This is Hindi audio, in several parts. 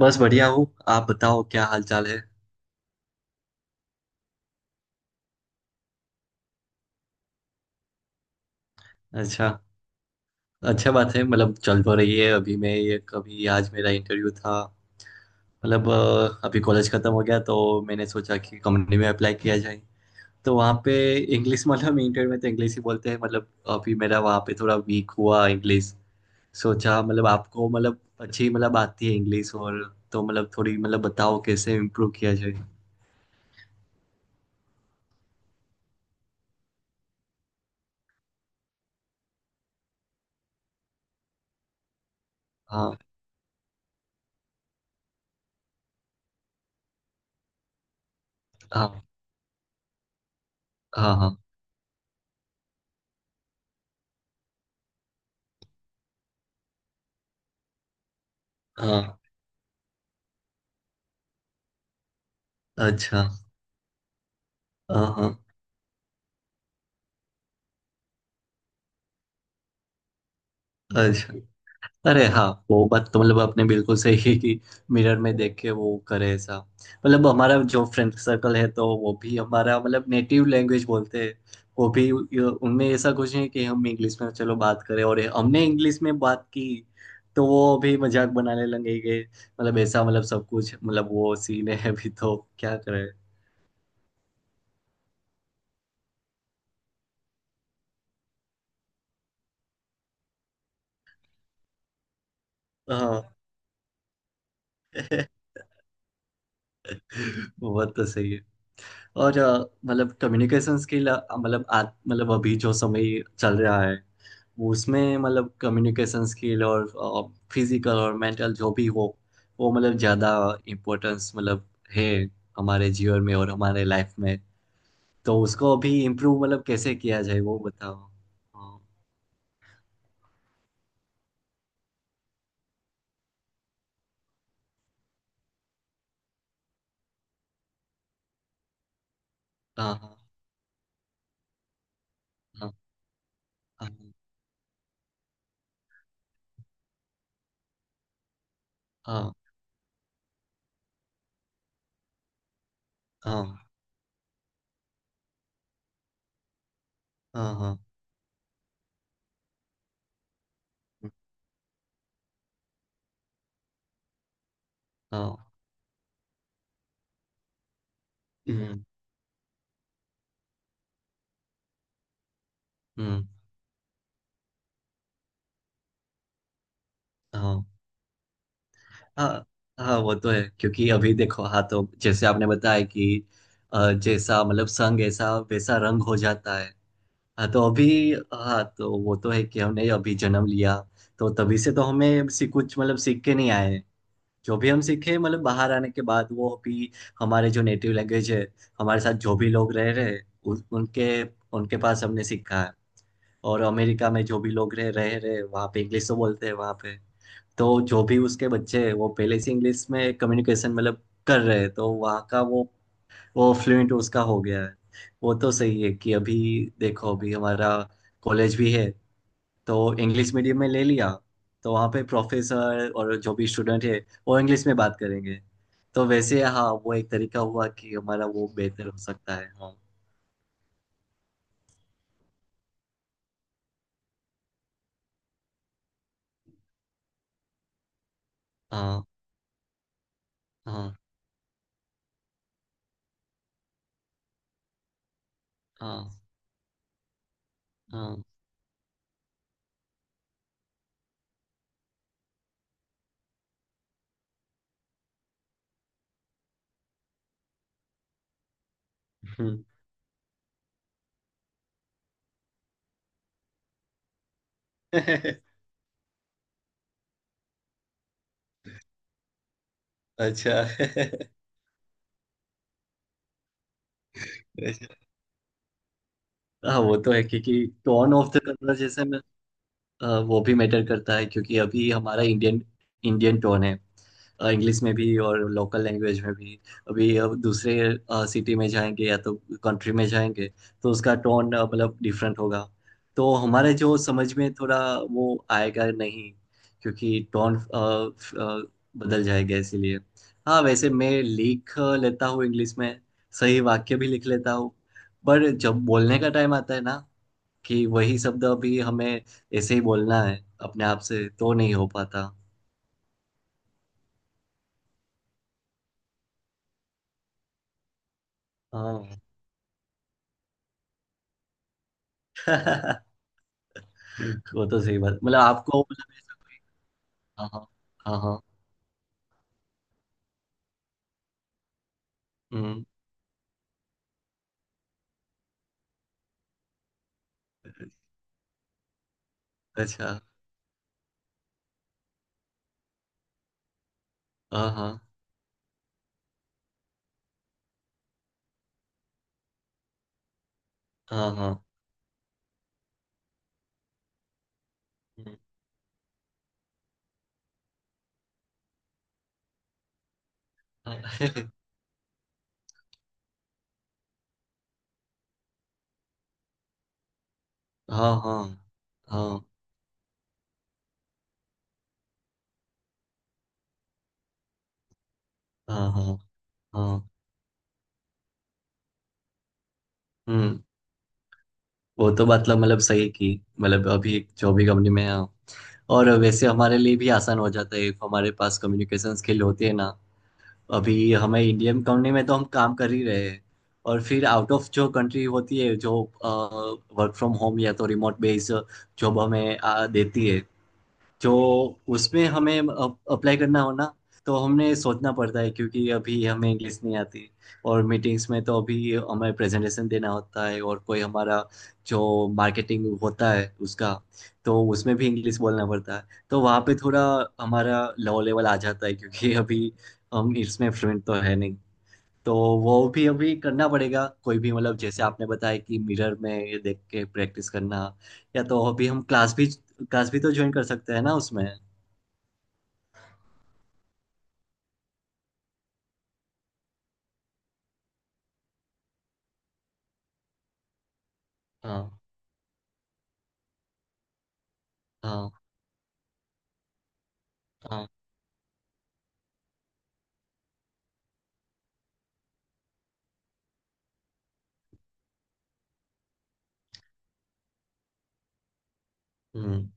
बस बढ़िया हूँ। आप बताओ क्या हाल चाल है? अच्छा। अच्छा बात है, मतलब चल तो रही है। अभी मैं ये कभी आज मेरा इंटरव्यू था। मतलब अभी कॉलेज खत्म हो गया तो मैंने सोचा कि कंपनी में अप्लाई किया जाए। तो वहाँ पे इंग्लिश मतलब इंटरव्यू में तो इंग्लिश ही बोलते हैं मतलब। अभी मेरा वहाँ पे थोड़ा वीक हुआ इंग्लिश। सोचा मतलब आपको मतलब अच्छी मतलब आती है इंग्लिश और, तो मतलब थोड़ी मतलब बताओ कैसे इम्प्रूव किया जाए। हाँ। हाँ। हाँ। हाँ। हाँ। अच्छा। हाँ। हाँ। अच्छा। अरे हाँ। वो बात तो मतलब आपने बिल्कुल सही है कि मिरर में देख के वो करे ऐसा। मतलब हमारा जो फ्रेंड सर्कल है तो वो भी हमारा मतलब नेटिव लैंग्वेज बोलते हैं। वो भी उनमें ऐसा कुछ नहीं कि हम इंग्लिश में चलो बात करें, और हमने इंग्लिश में बात की तो वो भी मजाक बनाने लगेंगे मतलब, ऐसा मतलब सब कुछ मतलब वो सीन है अभी, तो क्या करें? हाँ। वो बात तो सही है। और मतलब कम्युनिकेशन स्किल मतलब मतलब अभी जो समय चल रहा है, वो उसमें मतलब कम्युनिकेशन स्किल और फिजिकल और मेंटल जो भी हो, वो मतलब ज़्यादा इम्पोर्टेंस मतलब है हमारे जीवन में और हमारे लाइफ में। तो उसको अभी इम्प्रूव मतलब कैसे किया जाए वो बताओ। हाँ। हाँ। हाँ। हाँ। हाँ। हाँ। हाँ। हाँ। हाँ, हाँ, हम्म, हम्म, हाँ। हाँ। हाँ वो तो है, क्योंकि अभी देखो। हाँ, तो जैसे आपने बताया कि जैसा मतलब संग ऐसा वैसा रंग हो जाता है। हाँ, तो अभी। हाँ, तो वो तो है कि हमने अभी जन्म लिया तो तभी से तो हमें सी कुछ मतलब सीख के नहीं आए। जो भी हम सीखे मतलब बाहर आने के बाद, वो भी हमारे जो नेटिव लैंग्वेज है, हमारे साथ जो भी लोग रह रहे हैं, उनके उनके पास हमने सीखा है। और अमेरिका में जो भी लोग रह रह रहे, वहाँ पे इंग्लिश तो बोलते हैं वहाँ पे। तो जो भी उसके बच्चे हैं, वो पहले से इंग्लिश में कम्युनिकेशन मतलब कर रहे हैं, तो वहाँ का वो फ्लुएंट उसका हो गया है। वो तो सही है कि अभी देखो, अभी हमारा कॉलेज भी है, तो इंग्लिश मीडियम में ले लिया। तो वहाँ पे प्रोफेसर और जो भी स्टूडेंट है वो इंग्लिश में बात करेंगे। तो वैसे हाँ, वो एक तरीका हुआ कि हमारा वो बेहतर हो सकता है, हाँ। हाँ। हाँ। हाँ। हाँ। हम्म। अच्छा। हाँ वो तो है, क्योंकि टोन ऑफ द कन्वर्सेशन, वो भी मैटर करता है, क्योंकि अभी हमारा इंडियन इंडियन टोन है इंग्लिश में भी और लोकल लैंग्वेज में भी। अभी अब दूसरे सिटी में जाएंगे या तो कंट्री में जाएंगे, तो उसका टोन मतलब डिफरेंट होगा। तो हमारे जो समझ में थोड़ा वो आएगा नहीं, क्योंकि टोन बदल जाएगा इसीलिए। हाँ वैसे मैं लिख लेता हूँ इंग्लिश में, सही वाक्य भी लिख लेता हूँ। पर जब बोलने का टाइम आता है ना, कि वही शब्द अभी हमें ऐसे ही बोलना है, अपने आप से तो नहीं हो पाता। हाँ। वो तो सही बात, मतलब आपको मतलब। हाँ, हाँ। हाँ, हाँ। हम्म, अच्छा। हाँ, हाँ। हाँ, हाँ। हम्म, हाँ। हाँ, हाँ। हाँ, हाँ। हाँ, हाँ, हम्म। वो तो मतलब सही की, मतलब अभी एक जो भी कंपनी में है। और वैसे हमारे लिए भी आसान हो जाता है if हमारे पास कम्युनिकेशन स्किल होती है ना। अभी हमें इंडियन कंपनी में तो हम काम कर ही रहे हैं। और फिर आउट ऑफ जो कंट्री होती है, जो वर्क फ्रॉम होम या तो रिमोट बेस्ड जॉब हमें देती है, जो उसमें हमें अप्लाई करना हो ना, तो हमने सोचना पड़ता है, क्योंकि अभी हमें इंग्लिश नहीं आती। और मीटिंग्स में तो अभी हमें प्रेजेंटेशन देना होता है और कोई हमारा जो मार्केटिंग होता है उसका, तो उसमें भी इंग्लिश बोलना पड़ता है। तो वहाँ पे थोड़ा हमारा लो लेवल आ जाता है, क्योंकि अभी हम इसमें फ्लुएंट तो है नहीं। तो वो भी अभी करना पड़ेगा कोई भी, मतलब जैसे आपने बताया कि मिरर में ये देख के प्रैक्टिस करना। या तो अभी हम क्लास भी तो ज्वाइन कर सकते हैं ना उसमें। हाँ। हाँ। हाँ। हम्म।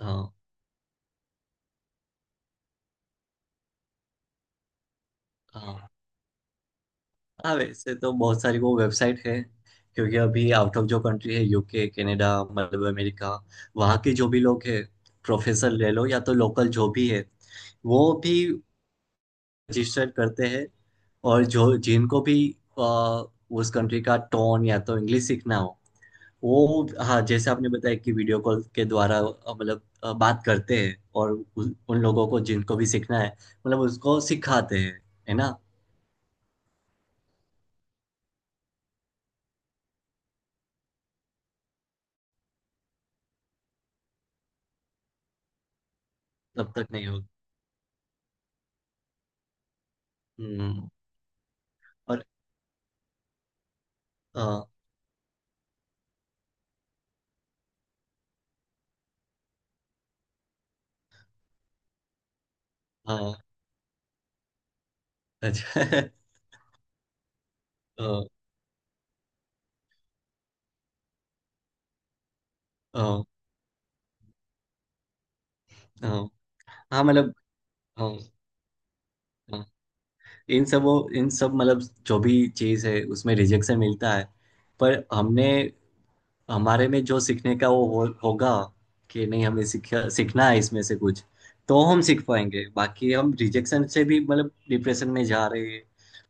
हाँ। हाँ। हाँ वैसे तो बहुत सारी वो वेबसाइट है, क्योंकि अभी आउट ऑफ जो कंट्री है, यूके, कनाडा, मतलब अमेरिका, वहाँ के जो भी लोग हैं, प्रोफेसर ले लो या तो लोकल जो भी है, वो भी रजिस्टर करते हैं। और जो जिनको भी अ, उस कंट्री का टोन या तो इंग्लिश सीखना हो, वो हाँ जैसे आपने बताया कि वीडियो कॉल के द्वारा मतलब बात करते हैं, और उन उन लोगों को जिनको भी सीखना है मतलब उसको सिखाते हैं, है ना? तब तक नहीं हो। हम्म, और अ, हाँ। अच्छा। अ, अ, अ, हाँ मतलब, अ, अ, इन सब मतलब जो भी चीज़ है उसमें रिजेक्शन मिलता है। पर हमने हमारे में जो सीखने का वो होगा, कि नहीं हमें सीखना है। इसमें से कुछ तो हम सीख पाएंगे, बाकी हम रिजेक्शन से भी मतलब डिप्रेशन में जा रहे हैं।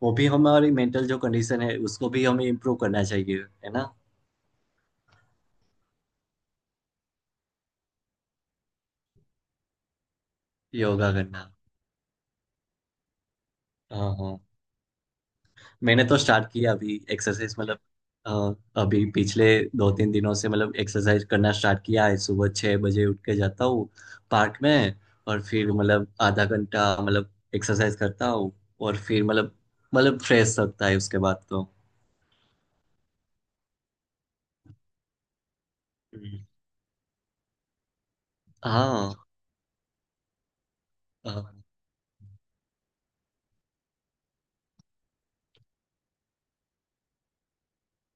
वो भी हमारी मेंटल जो कंडीशन है उसको भी हमें इम्प्रूव करना चाहिए, है ना? योगा करना। हाँ, हाँ। मैंने तो स्टार्ट किया अभी एक्सरसाइज मतलब, अभी पिछले दो तीन दिनों से मतलब एक्सरसाइज करना स्टार्ट किया है, सुबह 6 बजे उठ के जाता हूँ पार्क में। और फिर मतलब आधा घंटा मतलब एक्सरसाइज करता हूँ, और फिर मतलब फ्रेश लगता है उसके बाद तो। हम्म। हाँ, हाँ।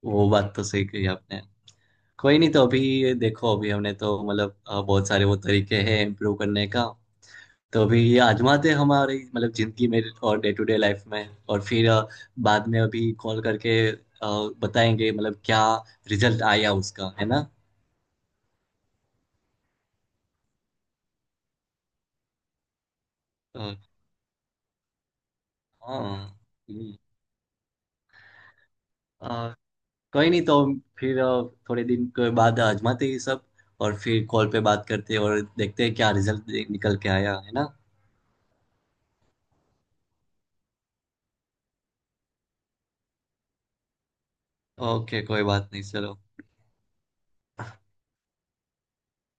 वो बात तो सही कही आपने। कोई नहीं, तो अभी देखो, अभी हमने तो मतलब बहुत सारे वो तरीके हैं इम्प्रूव करने का। तो अभी ये आजमाते हैं हमारी मतलब जिंदगी में और डे टू डे लाइफ में, और फिर बाद में अभी कॉल करके बताएंगे मतलब क्या रिजल्ट आया उसका, है ना? अ, हाँ। हम्म, अ, कोई नहीं, तो फिर थोड़े दिन के बाद आजमाते हैं ये सब, और फिर कॉल पे बात करते हैं और देखते हैं क्या रिजल्ट निकल के आया, है ना? ओके कोई बात नहीं, चलो।